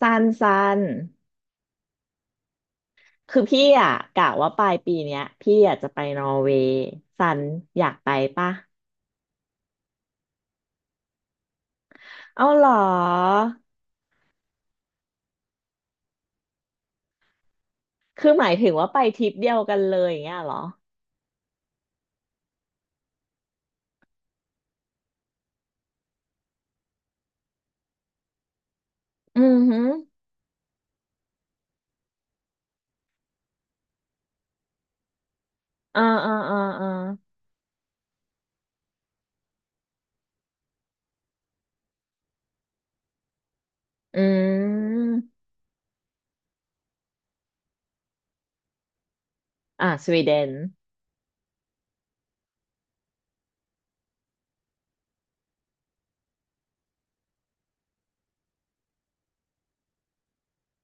สั้นสั้นคือพี่อ่ะกะว่าปลายปีเนี้ยพี่อยากจะไปนอร์เวย์สันอยากไปปะเอาเหรอคือหมายถึงว่าไปทริปเดียวกันเลยอย่างเงี้ยเหรออือหืออ่าอ่าอ่าอ่าอืมอ่าสวีเดน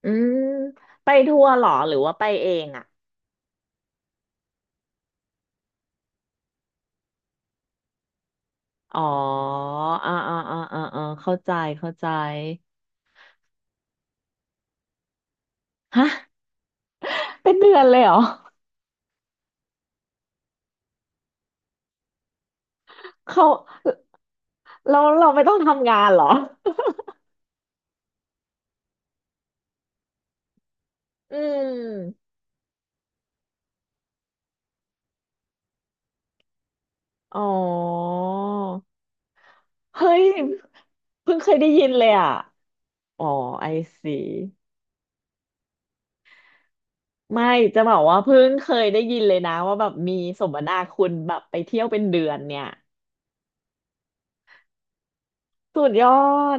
อืมไปทัวร์เหรอหรือว่าไปเองอ่ะอ๋ออ่าอ่าอ่าอ่าอ่าเข้าใจเข้าใจฮะเป็นเดือนเลยเหรอเขาเราเราไม่ต้องทำงานเหรออืม อ๋อเฮ้ยเพิ่งเคยได้ยินเลยอ่ะอ๋อไอซีไม่จะบอกว่าเพิ่งเคยได้ยินเลยนะว่าแบบมีสมนาคุณแบบไปเที่ยวเป็นเดือนเนี่ยสุดยอด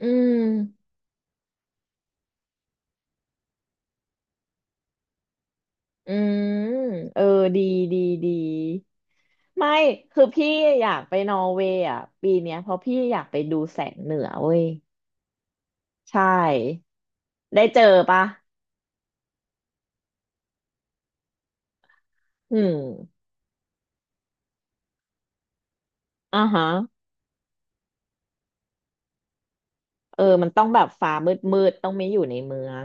อืมอืมเออดีดีดีไม่คือพี่อยากไปนอร์เวย์อ่ะปีเนี้ยเพราะพี่อยากไปดูแสงเหนือเว้ยใช่ได้เจอปะอืมอ่าฮะเออมันต้องแบบฟ้ามืดมืดต้องไม่อยู่ในเมือง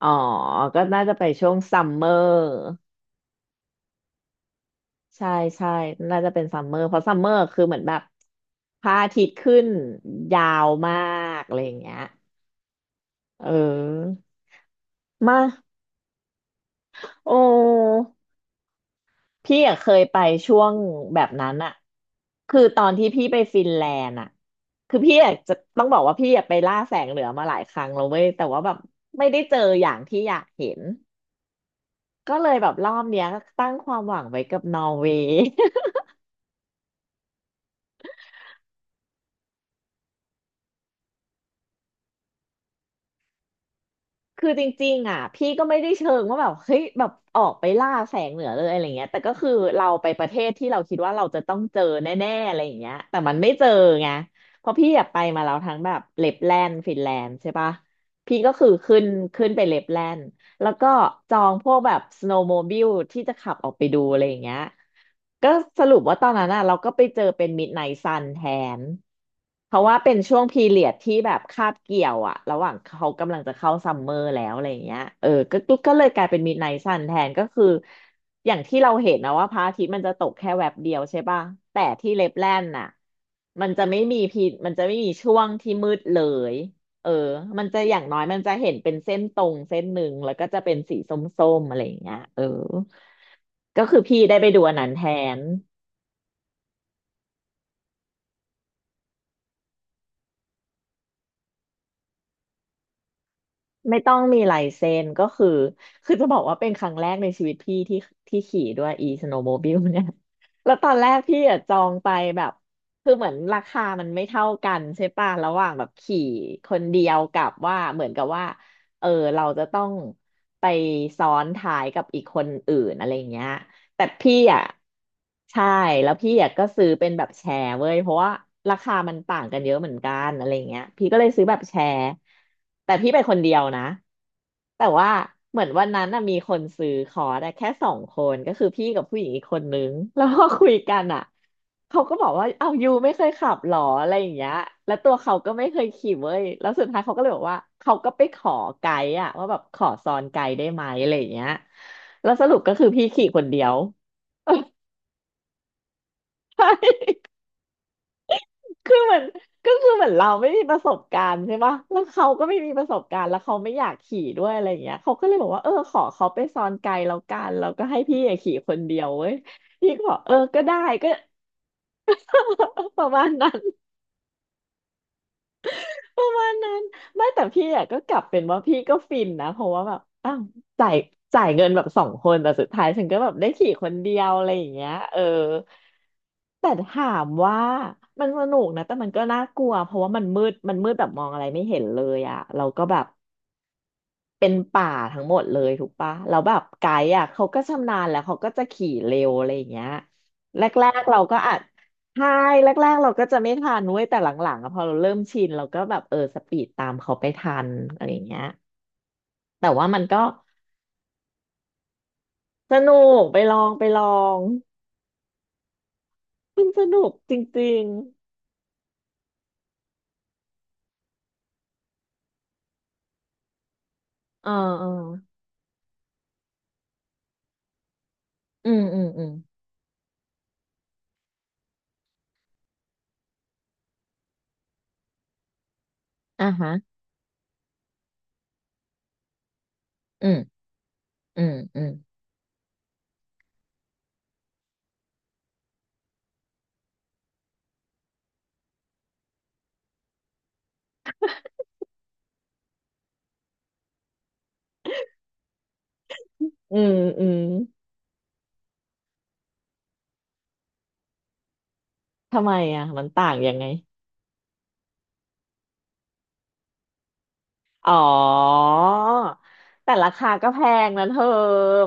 อ๋อก็น่าจะไปช่วงซัมเมอร์ใช่ใช่น่าจะเป็นซัมเมอร์เพราะซัมเมอร์คือเหมือนแบบพระอาทิตย์ขึ้นยาวมากอะไรอย่างเงี้ยเออมาโอ้พี่อะเคยไปช่วงแบบนั้นอะคือตอนที่พี่ไปฟินแลนด์อะคือพี่อะจะต้องบอกว่าพี่อะไปล่าแสงเหนือมาหลายครั้งแล้วเว้ยแต่ว่าแบบไม่ได้เจออย่างที่อยากเห็นก็เลยแบบรอบเนี้ยตั้งความหวังไว้กับนอร์เวย์ คือจริงๆอ่ะพี่ก็ไม่ได้เชิงว่าแบบเฮ้ยแบบออกไปล่าแสงเหนือเลยอะไรเงี้ยแต่ก็คือเราไปประเทศที่เราคิดว่าเราจะต้องเจอแน่ๆอะไรอย่างเงี้ยแต่มันไม่เจอไงเพราะพี่อยากไปมาแล้วทั้งแบบเลปแลนด์ฟินแลนด์ใช่ปะพี่ก็คือขึ้นขึ้นไปเลปแลนด์ แล้วก็จองพวกแบบสโนว์โมบิลที่จะขับออกไปดูอะไรอย่างเงี้ยก็สรุปว่าตอนนั้นน่ะเราก็ไปเจอเป็นมิดไนท์ซันแทนเพราะว่าเป็นช่วงพีเรียดที่แบบคาบเกี่ยวอะระหว่างเขากำลังจะเข้าซัมเมอร์แล้วอะไรอย่างเงี้ยเออก็เลยกลายเป็นมิดไนท์ซันแทนก็คืออย่างที่เราเห็นนะว่าพระอาทิตย์มันจะตกแค่แวบเดียวใช่ป่ะแต่ที่เลปแลนด์น่ะมันจะไม่มีพีมันจะไม่มีช่วงที่มืดเลย เออมันจะอย่างน้อยมันจะเห็นเป็นเส้นตรงเส้นหนึ่งแล้วก็จะเป็นสีส้มๆอะไรอย่างเงี้ยเออก็คือพี่ได้ไปดูอันนั้นแทนไม่ต้องมีลายเซ็นก็คือคือจะบอกว่าเป็นครั้งแรกในชีวิตพี่ที่ที่ขี่ด้วย e snowmobile เนี่ย แล้วตอนแรกพี่อะจองไปแบบคือเหมือนราคามันไม่เท่ากันใช่ป่ะระหว่างแบบขี่คนเดียวกับว่าเหมือนกับว่าเออเราจะต้องไปซ้อนท้ายกับอีกคนอื่นอะไรอย่างเงี้ย แต่พี่อ่ะใช่แล้วพี่อ่ะก็ซื้อเป็นแบบแชร์เว้ยเพราะว่าราคามันต่างกันเยอะเหมือนกันอะไรเงี้ยพี่ก็เลยซื้อแบบแชร์แต่พี่ไปคนเดียวนะแต่ว่าเหมือนวันนั้นน่ะมีคนซื้อคอร์สอะแค่สองคนก็คือพี่กับผู้หญิงอีกคนนึงแล้วพอคุยกันอ่ะ เขาก็บอกว่าเอ้ายูไม่เคยขับหรออะไรอย่างเงี้ยแล้วตัวเขาก็ไม่เคยขี่เว้ยแล้วสุดท้ายเขาก็เลยบอกว่าเขาก็ไปขอไกด์อะว่าแบบขอซ้อนไกด์ได้ไหมอะไรอย่างเงี้ยแล้วสรุปก็คือพี่ขี่คนเดียว ใช่ คือเหมือนก็คือเหมือนเราไม่มีประสบการณ์ใช่ปะแล้วเขาก็ไม่มีประสบการณ์แล้วเขาไม่อยากขี่ด้วยอะไรอย่างเงี้ยเขาก็เลยบอกว่าเออขอเขาไปซ้อนไกด์แล้วกันแล้วก็ให้พี่อะขี่คนเดียวเว้ยพี่ก็บอกเออก็ได้ก็ ประมาณนั้น ประมาณนั้นไม่แต่พี่อะก็กลับเป็นว่าพี่ก็ฟินนะเพราะว่าแบบอ้าวจ่ายจ่ายเงินแบบสองคนแต่สุดท้ายฉันก็แบบได้ขี่คนเดียวอะไรอย่างเงี้ยเออแต่ถามว่ามันสนุกนะแต่มันก็น่ากลัวเพราะว่ามันมืดมันมืดแบบมองอะไรไม่เห็นเลยอะเราก็แบบ เป็นป่าทั้งหมดเลยถูกปะแล้วแบบไกด์อ่ะเขาก็ชำนาญแล้วเขาก็จะขี่เร็วอะไรอย่างเงี้ยแรกๆเราก็อาจใช่แรกๆเราก็จะไม่ทันเว้ยแต่หลังๆอะพอเราเริ่มชินเราก็แบบเออสปีดตามเขาไปทันอะไรอย่างเงี้ยแต่ว่ามันก็สนุกไปลองไปลองมันสนุกจริงๆเออเอออืมอืมอืมอ่ะฮะอืมอืมอืมอืมอืมทำไมอ่ะมันต่างยังไง อ๋อ แต่ราคาก็แพงนะเธอ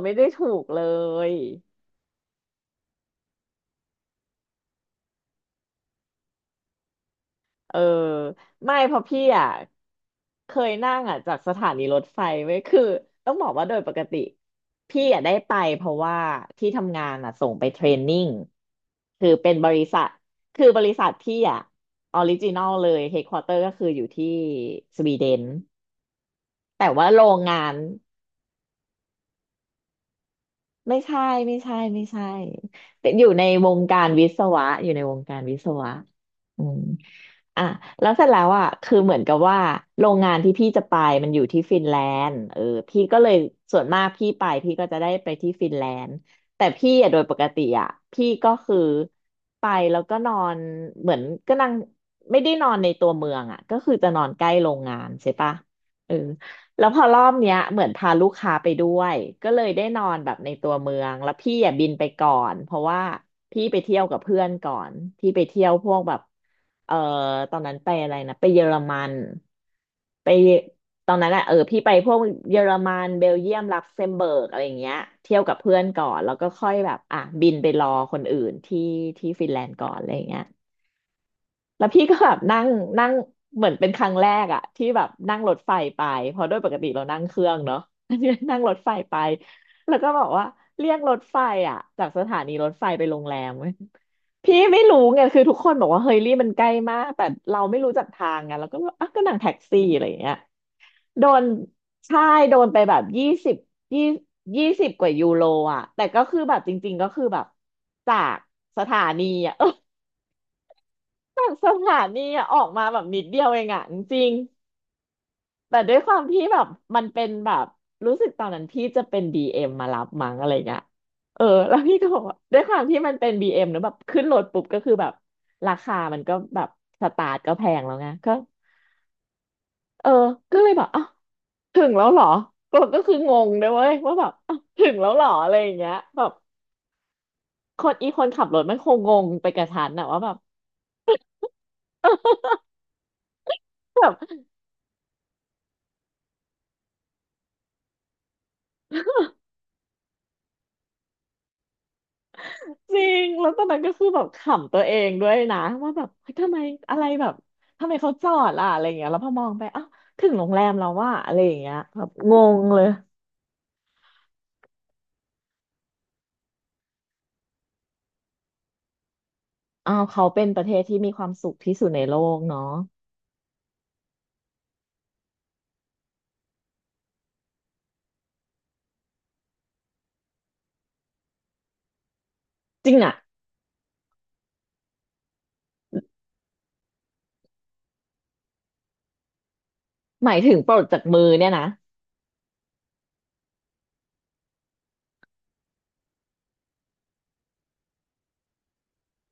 ไม่ได้ถูกเลยเออไม่เพราะพี่อ่ะเคยนั่งอ่ะจากสถานีรถไฟไว้ยคือต้องบอกว่าโดยปกติพี่อ่ะได้ไปเพราะว่าที่ทำงานอ่ะส่งไปเทรนนิ่งคือเป็นบริษัทบริษัทพี่อ่ะออริจินอลเลยเฮดควอเตอร์ก็คืออยู่ที่สวีเดนแต่ว่าโรงงาน ไม่ใช่ไม่ใช่แต่อยู่ในวงการวิศวะอยู่ในวงการวิศวะอืมอ่ะแล้วเสร็จแล้วอ่ะคือเหมือนกับว่าโรงงานที่พี่จะไปมันอยู่ที่ฟินแลนด์พี่ก็เลยส่วนมากพี่ไปพี่ก็จะได้ไปที่ฟินแลนด์แต่พี่อ่ะโดยปกติอ่ะพี่ก็คือไปแล้วก็นอนเหมือนก็นั่งไม่ได้นอนในตัวเมืองอ่ะก็คือจะนอนใกล้โรงงานใช่ปะเออ แล้วพอรอบเนี้ยเหมือนพาลูกค้าไปด้วยก็เลยได้นอนแบบในตัวเมืองแล้วพี่อ่ะบินไปก่อนเพราะว่าพี่ไปเที่ยวกับเพื่อนก่อนพี่ไปเที่ยวพวกแบบเออตอนนั้นไปอะไรนะไปเยอรมันไปตอนนั้นอะเออพี่ไปพวกเยอรมันเบลเยียมลักเซมเบิร์กอะไรอย่างเงี้ยเที่ยวกับเพื่อนก่อนแล้วก็ค่อยแบบอ่ะบินไปรอคนอื่นที่ฟินแลนด์ก่อนอะไรอย่างเงี้ย แล้วพี่ก็แบบนั่งนั่งเหมือนเป็นครั้งแรกอะที่แบบนั่งรถไฟไปเพราะโดวยปกติเรานั่งเครื่องเนาะ อันนี้นั่งรถไฟไปแล้วก็บอกว่าเรียกรถไฟอะจากสถานีรถไฟไปโรงแรมเว้ยพี่ไม่รู้ไงคือทุกคนบอกว่าเฮยรี่มันใกล้มากแต่เราไม่รู้จักทางไงเราก็แบบอ่ะก็นั่งแท็กซี่อะไรอย่างเงี้ยโดนใช่โดนไปแบบยี่สิบยี่20 กว่ายูโรอ่ะแต่ก็คือแบบจริงๆก็คือแบบจากสถานีอ่ะ แบบสถานีอะออกมาแบบนิดเดียวเองอะจริงๆแต่ด้วยความที่แบบมันเป็นแบบรู้สึกตอนนั้นพี่จะเป็นดีเอ็มมารับมั้งอะไรเงี้ยเออแล้วพี่ก็บอกว่าด้วยความที่มันเป็นบีเอ็มเนอะแบบขึ้นรถปุ๊บก็คือแบบราคามันก็แบบสตาร์ทก็แพงแล้วไงก็เออก็เลยแบบอ้าวถึงแล้วเหรอก็คืองงเลยเว้ยว่าแบบอ้าวถึงแล้วเหรออะไรอย่างเงี้ยแบบคนอีคนขับรถมันคงงงไปกับฉันอะว่าแบบ จริง แล้วตอนนั้นก็คือแบบขำตัวเองด้วยนะว่าแบบเฮ้ยทำไมอะไรแบบทำไมเขาจอดล่ะอะไรอย่างเงี้ยแล้วพอมองไปอ้าวถึงโรงแรมแล้วว่าอะไรอย่างเงี้ยแบบงงเลยอ้าวเขาเป็นประเทศที่มีความสุขที่สุดในโลกเนาะจริงอ่ะหมายถึงปลดจากมือเนี่ยนะ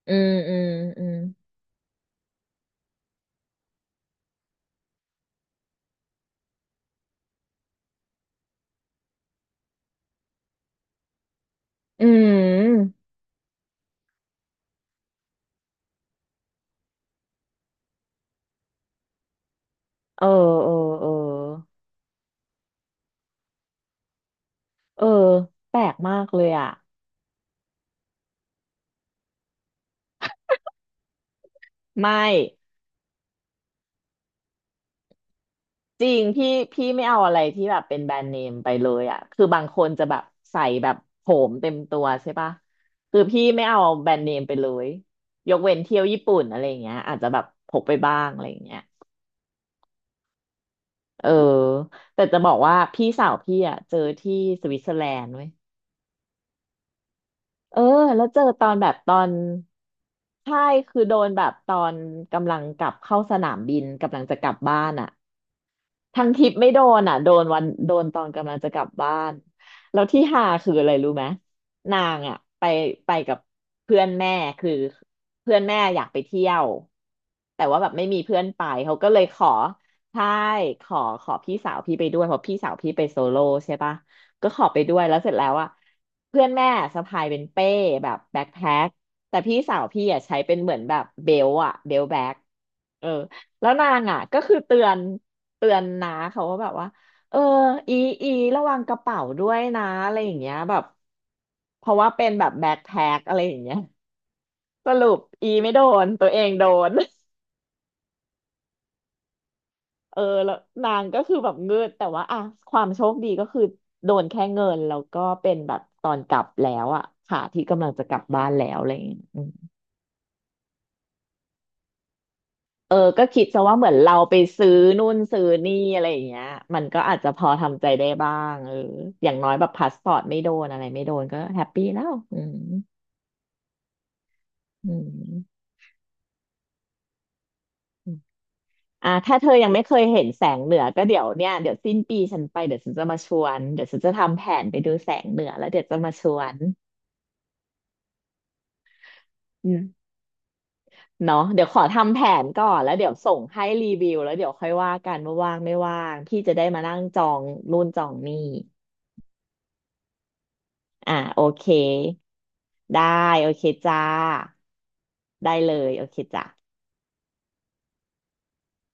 อืมอืมอืมอืมเออเออเออเออแปลกมากเลยอ่ะไม่ จริงพี่พี่ไม่เอาอะไรที่แบบเป็นแบรนด์เนมไปเลยอ่ะคือบางคนจะแบบใส่แบบโผมเต็มตัวใช่ปะคือพี่ไม่เอาแบรนด์เนมไปเลยยกเว้นเที่ยวญี่ปุ่นอะไรอย่างเงี้ยอาจจะแบบพกไปบ้างอะไรอย่างเงี้ยเออแต่จะบอกว่าพี่สาวพี่อ่ะเจอที่สวิตเซอร์แลนด์เว้ยเออแล้วเจอตอนแบบตอนใช่คือโดนแบบตอนกำลังกลับเข้าสนามบินกำลังจะกลับบ้านอ่ะ ทั้งทริปไม่โดนอ่ะโดนวันโดนตอนกำลังจะกลับบ้านแล้วที่หาคืออะไรรู้ไหมนางอ่ะไปไปกับเพื่อนแม่คือเพื่อนแม่อยากไปเที่ยวแต่ว่าแบบไม่มีเพื่อนไปเขาก็เลยขอใช่ขอพี่สาวพี่ไปด้วยเพราะพี่สาวพี่ไปโซโล่ใช่ปะก็ขอไปด้วยแล้วเสร็จแล้วอ่ะเพื่อนแม่สะพายเป็นเป้แบบแบ็คแพ็คแต่พี่สาวพี่อ่ะใช้เป็นเหมือนแบบเบลต์อ่ะเบลต์แบ็คเออ แล้วนางอ่ะก็คือเตือนนาเขาว่าแบบว่าเอออีอีระวังกระเป๋าด้วยนะอะไรอย่างเงี้ยแบบเพราะว่าเป็นแบบแบ็คแพ็คอะไรอย่างเงี้ยสรุปอีไม่โดนตัวเองโดน เออแล้วนางก็คือแบบเงืดแต่ว่าอ่ะความโชคดีก็คือโดนแค่เงินแล้วก็เป็นแบบตอนกลับแล้วอ่ะขาที่กำลังจะกลับบ้านแล้วอะไรอย่างเงี้ย เออ ก็คิดซะว่าเหมือนเราไปซื้อนู่นซื้อนี่อะไรอย่างเงี้ยมันก็อาจจะพอทำใจได้บ้างเอออย่างน้อยแบบพาสปอร์ตไม่โดนอะไรไม่โดนก็แฮปปี้แล้วอืมอืมอืมอ่าถ้าเธอยังไม่เคยเห็นแสงเหนือก็เดี๋ยวเนี่ยเดี๋ยวสิ้นปีฉันไปเดี๋ยวฉันจะมาชวนเดี๋ยวฉันจะทำแผนไปดูแสงเหนือแล้วเดี๋ยวจะมาชวนอืมเนาะเดี๋ยวขอทำแผนก่อนแล้วเดี๋ยวส่งให้รีวิวแล้วเดี๋ยวค่อยว่ากันว่าว่างไม่ว่างพี่จะได้มานั่งจองนู่นจองนี่ อ่าโอเคได้โอเคจ้าได้เลยโอเคจ้า